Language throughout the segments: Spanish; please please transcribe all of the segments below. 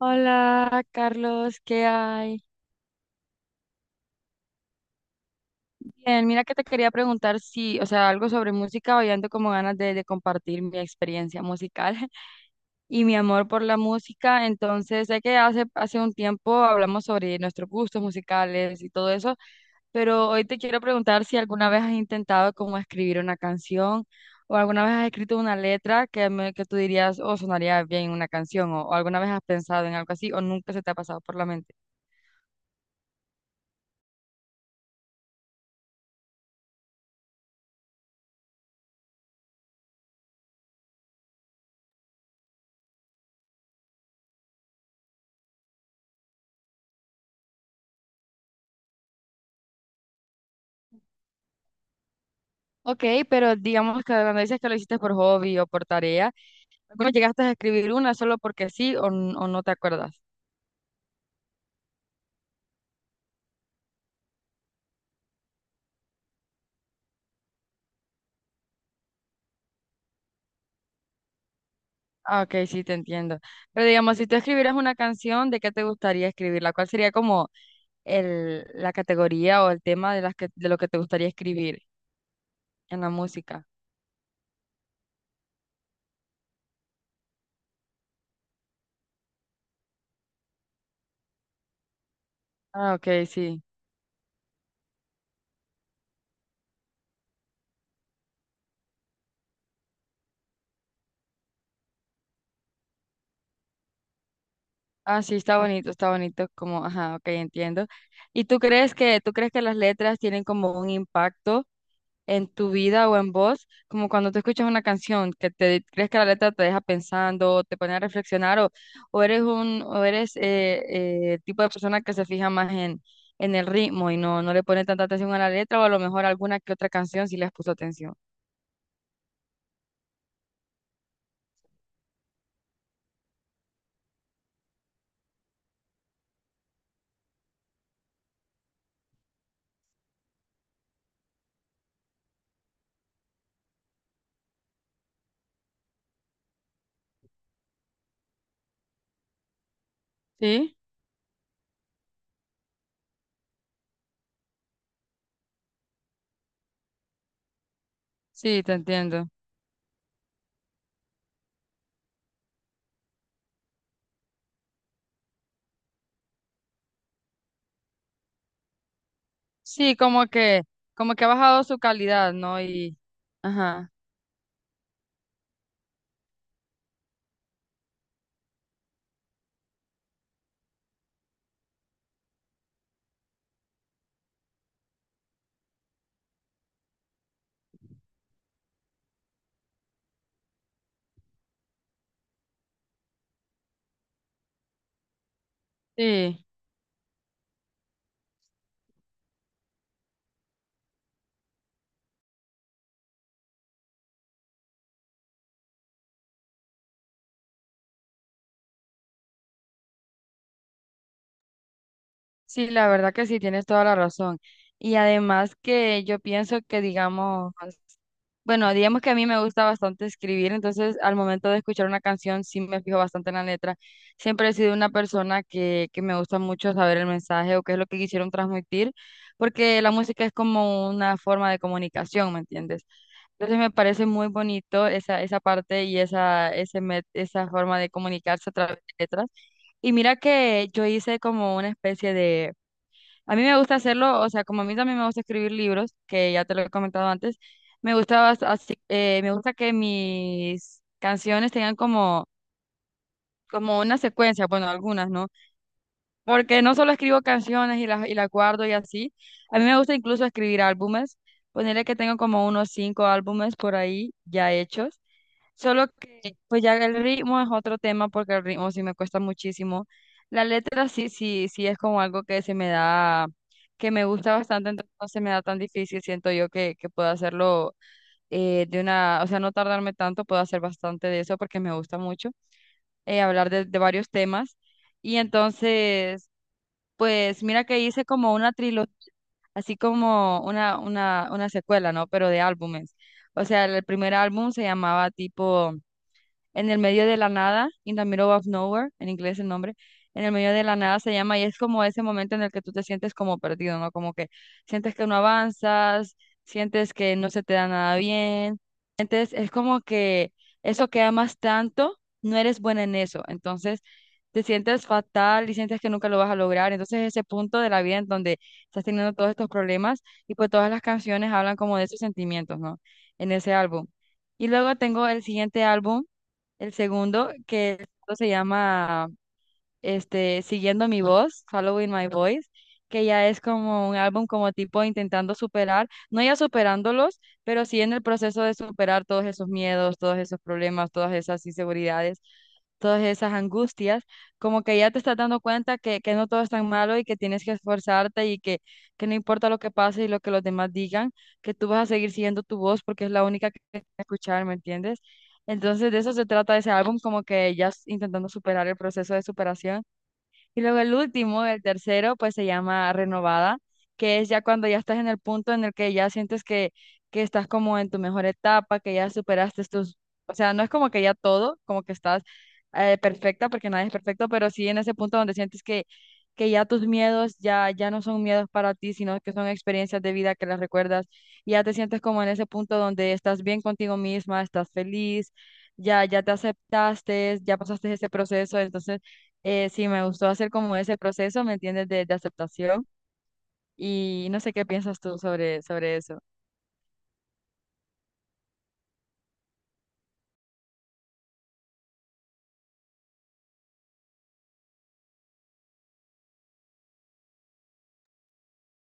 Hola, Carlos, ¿qué hay? Bien, mira que te quería preguntar si, o sea, algo sobre música. Hoy ando como ganas de compartir mi experiencia musical y mi amor por la música. Entonces, sé que hace un tiempo hablamos sobre nuestros gustos musicales y todo eso, pero hoy te quiero preguntar si alguna vez has intentado como escribir una canción o alguna vez has escrito una letra que tú dirías, oh, sonaría bien una canción o alguna vez has pensado en algo así o nunca se te ha pasado por la mente. Ok, pero digamos que cuando dices que lo hiciste por hobby o por tarea, ¿no llegaste a escribir una solo porque sí o no te acuerdas? Ah, ok, sí, te entiendo. Pero digamos, si tú escribieras una canción, ¿de qué te gustaría escribirla? ¿Cuál sería como la categoría o el tema de lo que te gustaría escribir en la música? Ah, ok, sí. Ah, sí, está bonito, como, ajá, ok, entiendo. ¿Y tú crees que las letras tienen como un impacto en tu vida o en vos, como cuando tú escuchas una canción que te crees que la letra te deja pensando, te pone a reflexionar, o eres el tipo de persona que se fija más en el ritmo y no le pone tanta atención a la letra, o a lo mejor alguna que otra canción sí les puso atención. ¿Sí? Sí, te entiendo. Sí, como que ha bajado su calidad, ¿no? Y, ajá, sí, sí, la verdad que sí, tienes toda la razón. Y además que yo pienso que, digamos, bueno, digamos que a mí me gusta bastante escribir. Entonces, al momento de escuchar una canción sí me fijo bastante en la letra. Siempre he sido una persona que me gusta mucho saber el mensaje o qué es lo que quisieron transmitir, porque la música es como una forma de comunicación, ¿me entiendes? Entonces me parece muy bonito esa parte y esa forma de comunicarse a través de letras. Y mira que yo hice como una especie de, a mí me gusta hacerlo, o sea, como a mí también me gusta escribir libros, que ya te lo he comentado antes. Me gusta, me gusta que mis canciones tengan como una secuencia, bueno, algunas, ¿no? Porque no solo escribo canciones y las guardo y así. A mí me gusta incluso escribir álbumes, ponerle que tengo como unos cinco álbumes por ahí ya hechos. Solo que, pues ya el ritmo es otro tema porque el ritmo sí me cuesta muchísimo. La letra sí, sí, sí es como algo que se me da, que me gusta bastante, entonces no se me da tan difícil. Siento yo que puedo hacerlo, de una, o sea, no tardarme tanto. Puedo hacer bastante de eso porque me gusta mucho hablar de varios temas. Y entonces, pues mira que hice como una trilogía, así como una secuela, ¿no? Pero de álbumes. O sea, el primer álbum se llamaba tipo en el medio de la nada, In the Middle of Nowhere, en inglés el nombre, en el medio de la nada se llama y es como ese momento en el que tú te sientes como perdido, ¿no? Como que sientes que no avanzas, sientes que no se te da nada bien. Entonces es como que eso que amas tanto, no eres buena en eso. Entonces te sientes fatal y sientes que nunca lo vas a lograr. Entonces ese punto de la vida en donde estás teniendo todos estos problemas y pues todas las canciones hablan como de esos sentimientos, ¿no? En ese álbum. Y luego tengo el siguiente álbum, el segundo, que el segundo se llama Siguiendo mi voz, Following My Voice, que ya es como un álbum como tipo intentando superar, no ya superándolos, pero sí en el proceso de superar todos esos miedos, todos esos problemas, todas esas inseguridades, todas esas angustias, como que ya te estás dando cuenta que no todo es tan malo y que tienes que esforzarte y que no importa lo que pase y lo que los demás digan, que tú vas a seguir siguiendo tu voz porque es la única que tienes que escuchar, ¿me entiendes? Entonces de eso se trata ese álbum, como que ya intentando superar el proceso de superación. Y luego el último, el tercero, pues se llama Renovada, que es ya cuando ya estás en el punto en el que ya sientes que estás como en tu mejor etapa, que ya superaste tus, o sea, no es como que ya todo, como que estás perfecta, porque nadie es perfecto, pero sí en ese punto donde sientes que ya tus miedos ya, ya no son miedos para ti, sino que son experiencias de vida que las recuerdas, y ya te sientes como en ese punto donde estás bien contigo misma, estás feliz, ya, ya te aceptaste, ya pasaste ese proceso. Entonces, sí, me gustó hacer como ese proceso, ¿me entiendes? De aceptación. Y no sé qué piensas tú sobre eso.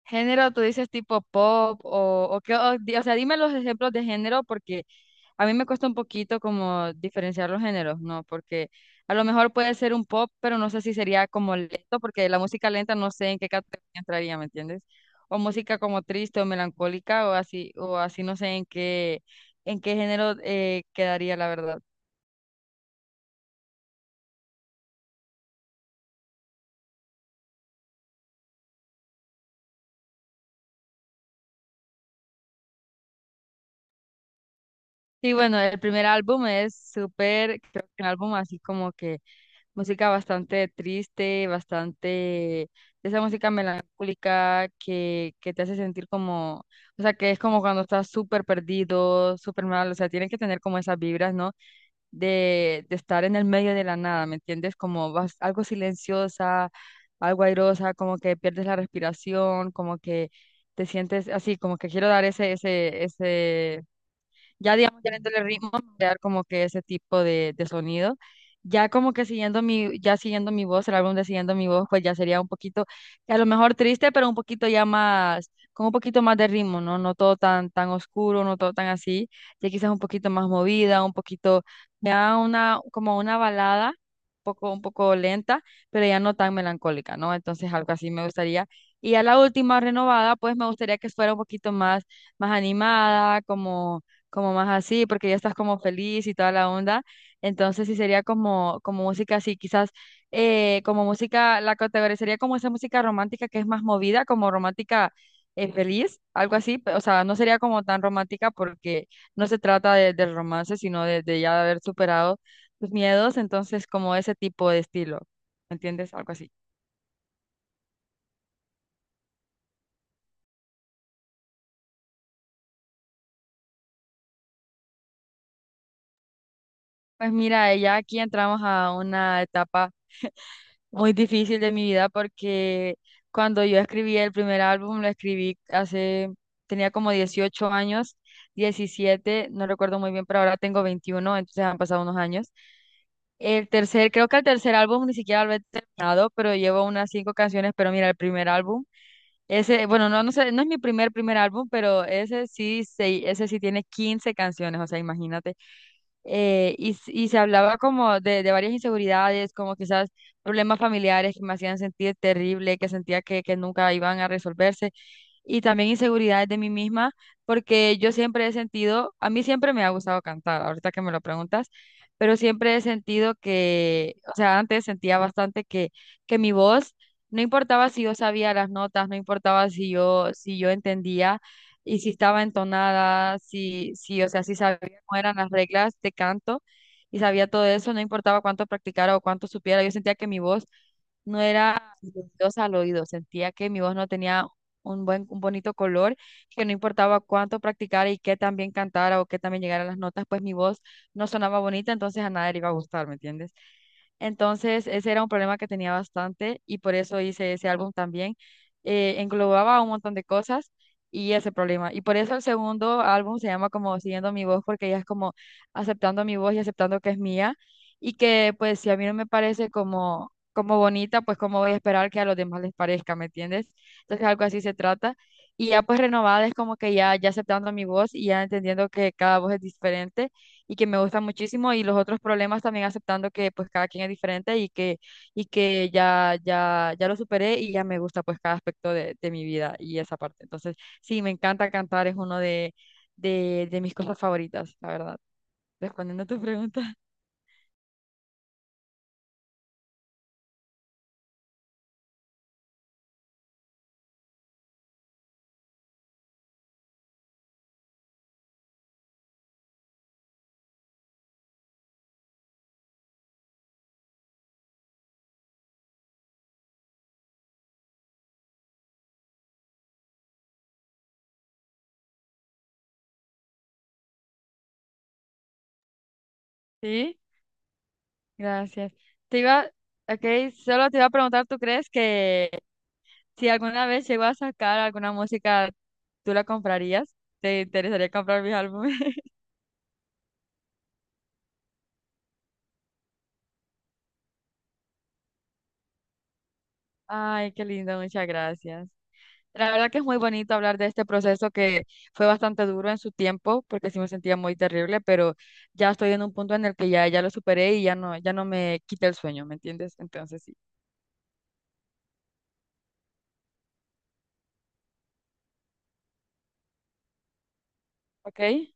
Género, tú dices tipo pop o qué, o sea, dime los ejemplos de género porque a mí me cuesta un poquito como diferenciar los géneros, ¿no? Porque a lo mejor puede ser un pop, pero no sé si sería como lento, porque la música lenta no sé en qué categoría entraría, ¿me entiendes? O música como triste o melancólica o así no sé en qué género quedaría, la verdad. Sí, bueno, el primer álbum es súper, creo que un álbum así como que música bastante triste, bastante, esa música melancólica que te hace sentir como, o sea, que es como cuando estás súper perdido, súper mal, o sea, tienen que tener como esas vibras, ¿no? De estar en el medio de la nada, ¿me entiendes? Como vas, algo silenciosa, algo airosa, como que pierdes la respiración, como que te sientes así, como que quiero dar ese ya, digamos, ya dentro del ritmo, crear como que ese tipo de sonido. Ya como que siguiendo mi voz, el álbum de Siguiendo mi voz, pues ya sería un poquito, a lo mejor triste, pero un poquito ya más, con un poquito más de ritmo, ¿no? No todo tan, tan oscuro, no todo tan así. Ya quizás un poquito más movida, un poquito, ya una, como una balada, un poco lenta, pero ya no tan melancólica, ¿no? Entonces algo así me gustaría. Y a la última renovada, pues me gustaría que fuera un poquito más, animada, como como más así, porque ya estás como feliz y toda la onda. Entonces sí sería como música así, quizás como música, la categorizaría como esa música romántica que es más movida, como romántica feliz, algo así. O sea, no sería como tan romántica porque no se trata del romance, sino de ya haber superado tus miedos. Entonces, como ese tipo de estilo, ¿me entiendes? Algo así. Pues mira, ya aquí entramos a una etapa muy difícil de mi vida porque cuando yo escribí el primer álbum, lo escribí tenía como 18 años, 17 no recuerdo muy bien, pero ahora tengo 21. Entonces, han pasado unos años. Creo que el tercer álbum ni siquiera lo he terminado, pero llevo unas cinco canciones. Pero mira, el primer álbum, ese, bueno, no, no sé, no es mi primer primer álbum, pero ese sí tiene 15 canciones, o sea, imagínate. Y se hablaba como de varias inseguridades, como quizás problemas familiares que me hacían sentir terrible, que sentía que nunca iban a resolverse, y también inseguridades de mí misma, porque yo siempre he sentido, a mí siempre me ha gustado cantar, ahorita que me lo preguntas, pero siempre he sentido que, o sea, antes sentía bastante que mi voz. No importaba si yo sabía las notas, no importaba si yo entendía, y si estaba entonada, o sea, si sabía cómo eran las reglas de canto y sabía todo eso. No importaba cuánto practicara o cuánto supiera, yo sentía que mi voz no era melodiosa al oído, sentía que mi voz no tenía un bonito color, que no importaba cuánto practicara y qué tan bien cantara o qué tan bien llegara a las notas, pues mi voz no sonaba bonita, entonces a nadie le iba a gustar, ¿me entiendes? Entonces, ese era un problema que tenía bastante y por eso hice ese álbum también. Englobaba un montón de cosas y ese problema. Y por eso el segundo álbum se llama como Siguiendo mi voz, porque ella es como aceptando mi voz y aceptando que es mía y que pues si a mí no me parece como bonita, pues cómo voy a esperar que a los demás les parezca, ¿me entiendes? Entonces, algo así se trata. Y ya pues renovada es como que ya, ya aceptando mi voz y ya entendiendo que cada voz es diferente y que me gusta muchísimo y los otros problemas también aceptando que pues cada quien es diferente y que ya, ya, ya lo superé y ya me gusta pues cada aspecto de mi vida y esa parte. Entonces, sí, me encanta cantar, es uno de mis cosas favoritas, la verdad. Respondiendo a tu pregunta. Sí, gracias. Te iba, ok, solo te iba a preguntar, ¿tú crees que si alguna vez llego a sacar alguna música, tú la comprarías? ¿Te interesaría comprar mis álbumes? Ay, qué lindo, muchas gracias. La verdad que es muy bonito hablar de este proceso que fue bastante duro en su tiempo, porque sí me sentía muy terrible, pero ya estoy en un punto en el que ya, ya lo superé y ya no, ya no me quita el sueño, ¿me entiendes? Entonces sí. ¿Ok?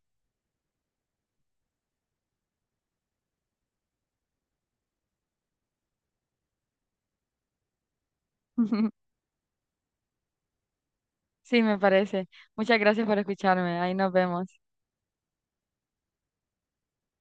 Sí, me parece. Muchas gracias por escucharme. Ahí nos vemos.